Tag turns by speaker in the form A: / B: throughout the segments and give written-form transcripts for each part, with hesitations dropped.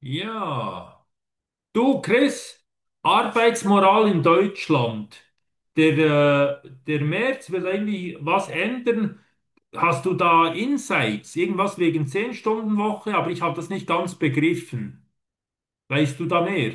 A: Ja, du Chris, Arbeitsmoral in Deutschland. Der, der Merz will irgendwie was ändern. Hast du da Insights? Irgendwas wegen 10-Stunden-Woche, aber ich habe das nicht ganz begriffen. Weißt du da mehr?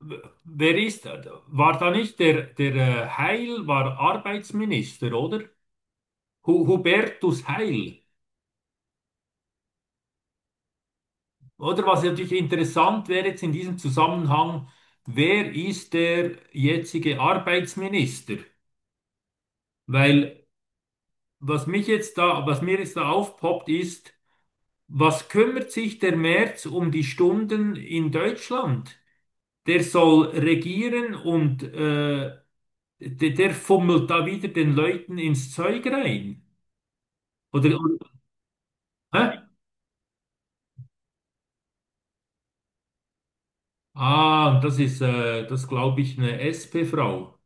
A: Wer ist, war da nicht der Heil, war Arbeitsminister, oder? Hubertus Heil. Oder was natürlich interessant wäre jetzt in diesem Zusammenhang, wer ist der jetzige Arbeitsminister? Weil was mir jetzt da aufpoppt, ist, was kümmert sich der Merz um die Stunden in Deutschland? Der soll regieren und der fummelt da wieder den Leuten ins Zeug rein. Oder hä? Ah, das ist, das glaube ich, eine SP-Frau.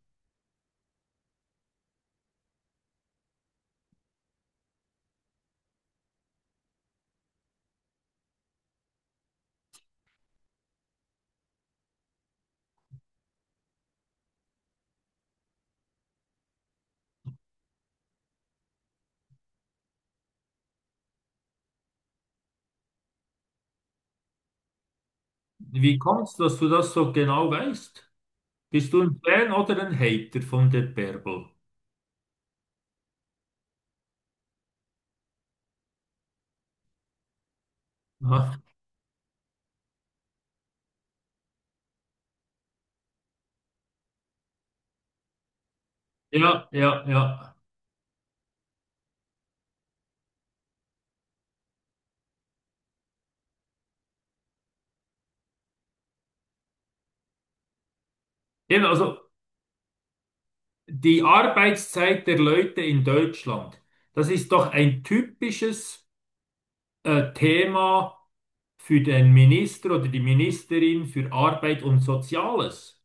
A: Wie kommt's, dass du das so genau weißt? Bist du ein Fan oder ein Hater von der Bärbel? Aha. Ja, ja, ja. Eben, also die Arbeitszeit der Leute in Deutschland, das ist doch ein typisches Thema für den Minister oder die Ministerin für Arbeit und Soziales.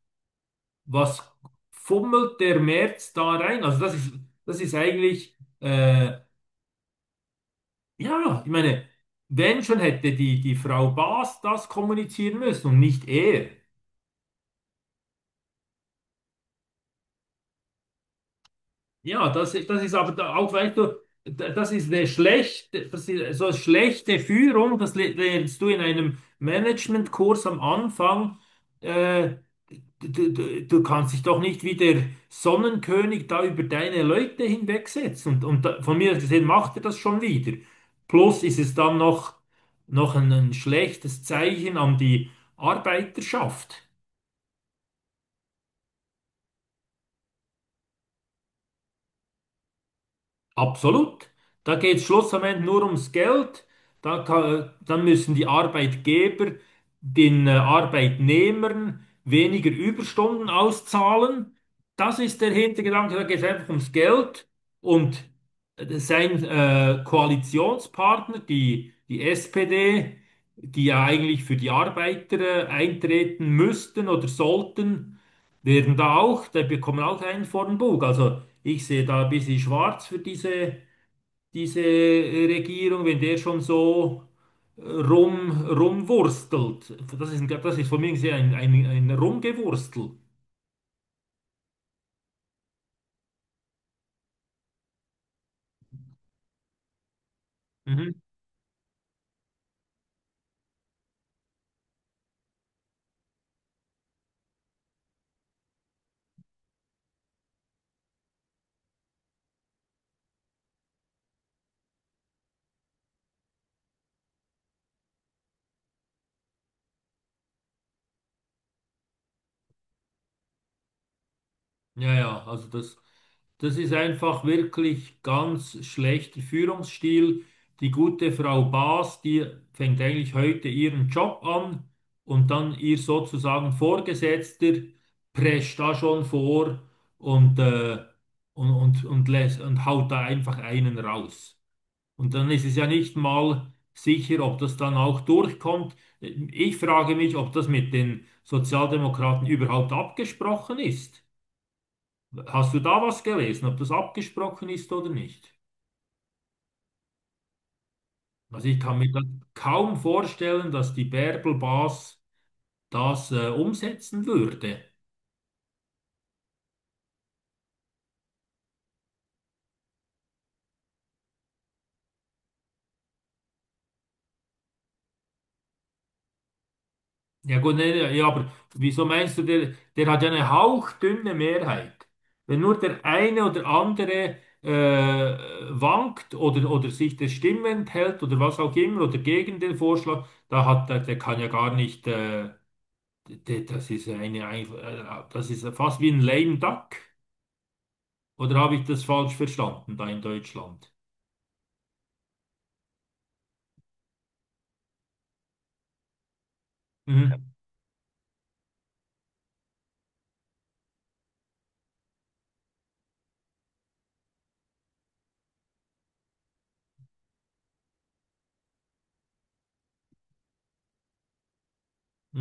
A: Was fummelt der Merz da rein? Das ist eigentlich, ja, ich meine, wenn schon hätte die Frau Baas das kommunizieren müssen und nicht er. Das ist aber da auch, weißt du, das ist so schlechte Führung, das lernst du in einem Managementkurs am Anfang. Äh, du kannst dich doch nicht wie der Sonnenkönig da über deine Leute hinwegsetzen. Und da, von mir aus gesehen, macht er das schon wieder. Plus ist es dann noch, noch ein schlechtes Zeichen an die Arbeiterschaft. Absolut. Da geht es schlussendlich nur ums Geld. Dann müssen die Arbeitgeber den Arbeitnehmern weniger Überstunden auszahlen. Das ist der Hintergedanke. Da geht es einfach ums Geld. Und sein Koalitionspartner, die SPD, die ja eigentlich für die Arbeiter eintreten müssten oder sollten, da bekommen auch einen vor den Bug. Also ich sehe da ein bisschen schwarz für diese Regierung, wenn der schon so rumwurstelt. Das ist von mir gesehen ein Rumgewurstel. Mhm. Ja, also das ist einfach wirklich ganz schlechter Führungsstil. Die gute Frau Baas, die fängt eigentlich heute ihren Job an und dann ihr sozusagen Vorgesetzter prescht da schon vor und, und haut da einfach einen raus. Und dann ist es ja nicht mal sicher, ob das dann auch durchkommt. Ich frage mich, ob das mit den Sozialdemokraten überhaupt abgesprochen ist. Hast du da was gelesen, ob das abgesprochen ist oder nicht? Also ich kann mir das kaum vorstellen, dass die Bärbel-Bas das umsetzen würde. Ja gut, nee, nee, ja, aber wieso meinst du, der hat ja eine hauchdünne Mehrheit. Wenn nur der eine oder andere äh, wankt oder sich der Stimme enthält oder was auch immer oder gegen den Vorschlag, der kann ja gar nicht, das ist das ist fast wie ein lame duck. Oder habe ich das falsch verstanden da in Deutschland? Mhm.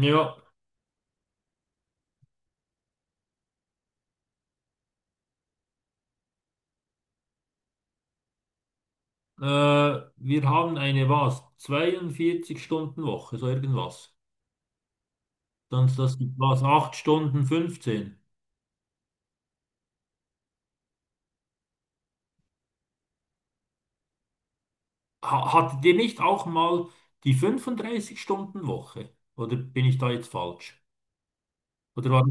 A: Ja, wir haben eine was? 42-Stunden-Woche, so irgendwas. Dann ist was? 8 Stunden 15. Ha, hattet ihr nicht auch mal die 35-Stunden-Woche? Oder bin ich da jetzt falsch? Oder war,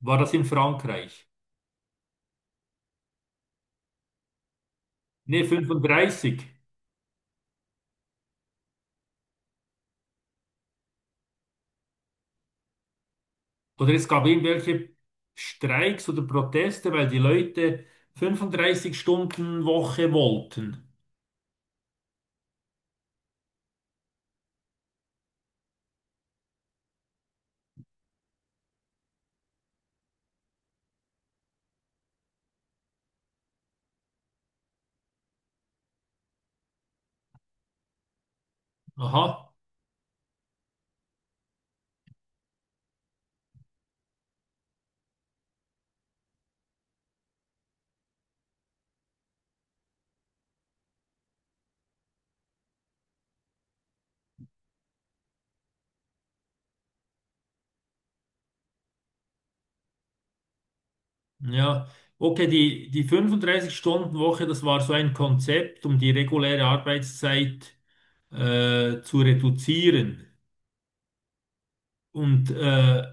A: war das in Frankreich? Ne, 35. Oder es gab irgendwelche Streiks oder Proteste, weil die Leute 35-Stunden-Woche wollten. Aha. Ja, okay, die 35-Stunden-Woche, das war so ein Konzept, um die reguläre Arbeitszeit zu reduzieren. Und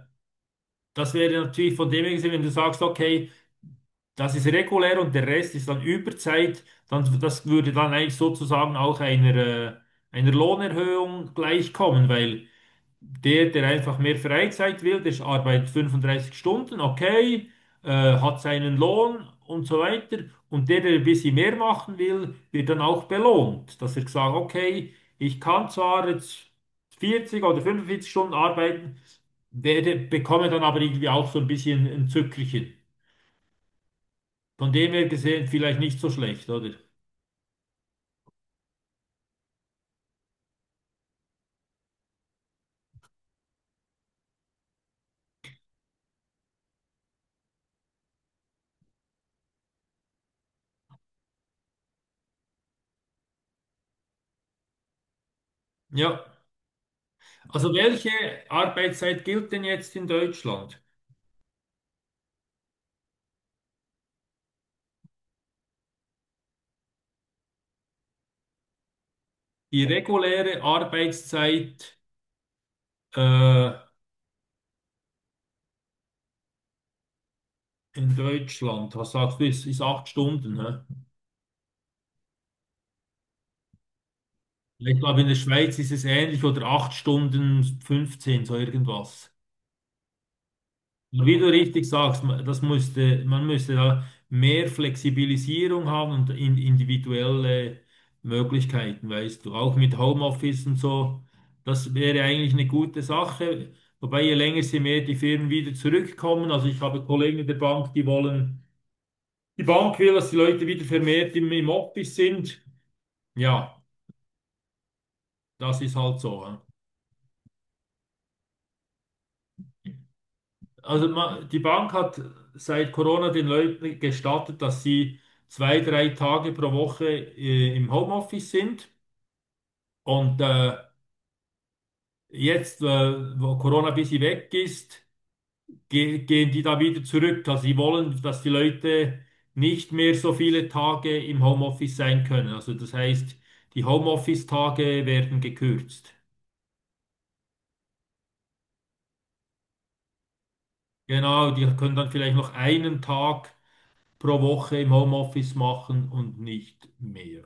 A: das wäre natürlich von dem her gesehen, wenn du sagst, okay, das ist regulär und der Rest ist dann Überzeit, dann das würde dann eigentlich sozusagen auch einer Lohnerhöhung gleichkommen, weil der, der einfach mehr Freizeit will, der arbeitet 35 Stunden, okay, äh, hat seinen Lohn und so weiter. Und der, der ein bisschen mehr machen will, wird dann auch belohnt, dass er sagt, okay, ich kann zwar jetzt 40 oder 45 Stunden arbeiten, bekomme dann aber irgendwie auch so ein bisschen ein Zückerchen. Von dem her gesehen vielleicht nicht so schlecht, oder? Ja. Also welche Arbeitszeit gilt denn jetzt in Deutschland? Die reguläre Arbeitszeit, Äh, in Deutschland, was sagst du, ist 8 Stunden, ne? Ich glaube, in der Schweiz ist es ähnlich, oder 8 Stunden 15, so irgendwas. Und wie du richtig sagst, man müsste da mehr Flexibilisierung haben und individuelle Möglichkeiten, weißt du, auch mit Homeoffice und so. Das wäre eigentlich eine gute Sache. Wobei, je länger, sie mehr die Firmen wieder zurückkommen. Also ich habe Kollegen in der Bank, die Bank will, dass die Leute wieder vermehrt im Office sind. Ja, das ist halt so, ja. Also die Bank hat seit Corona den Leuten gestattet, dass sie zwei, drei Tage pro Woche im Homeoffice sind. Und wo Corona ein bisschen weg ist, ge gehen die da wieder zurück. Also sie wollen, dass die Leute nicht mehr so viele Tage im Homeoffice sein können. Also das heißt, die Homeoffice-Tage werden gekürzt. Genau, die können dann vielleicht noch einen Tag pro Woche im Homeoffice machen und nicht mehr.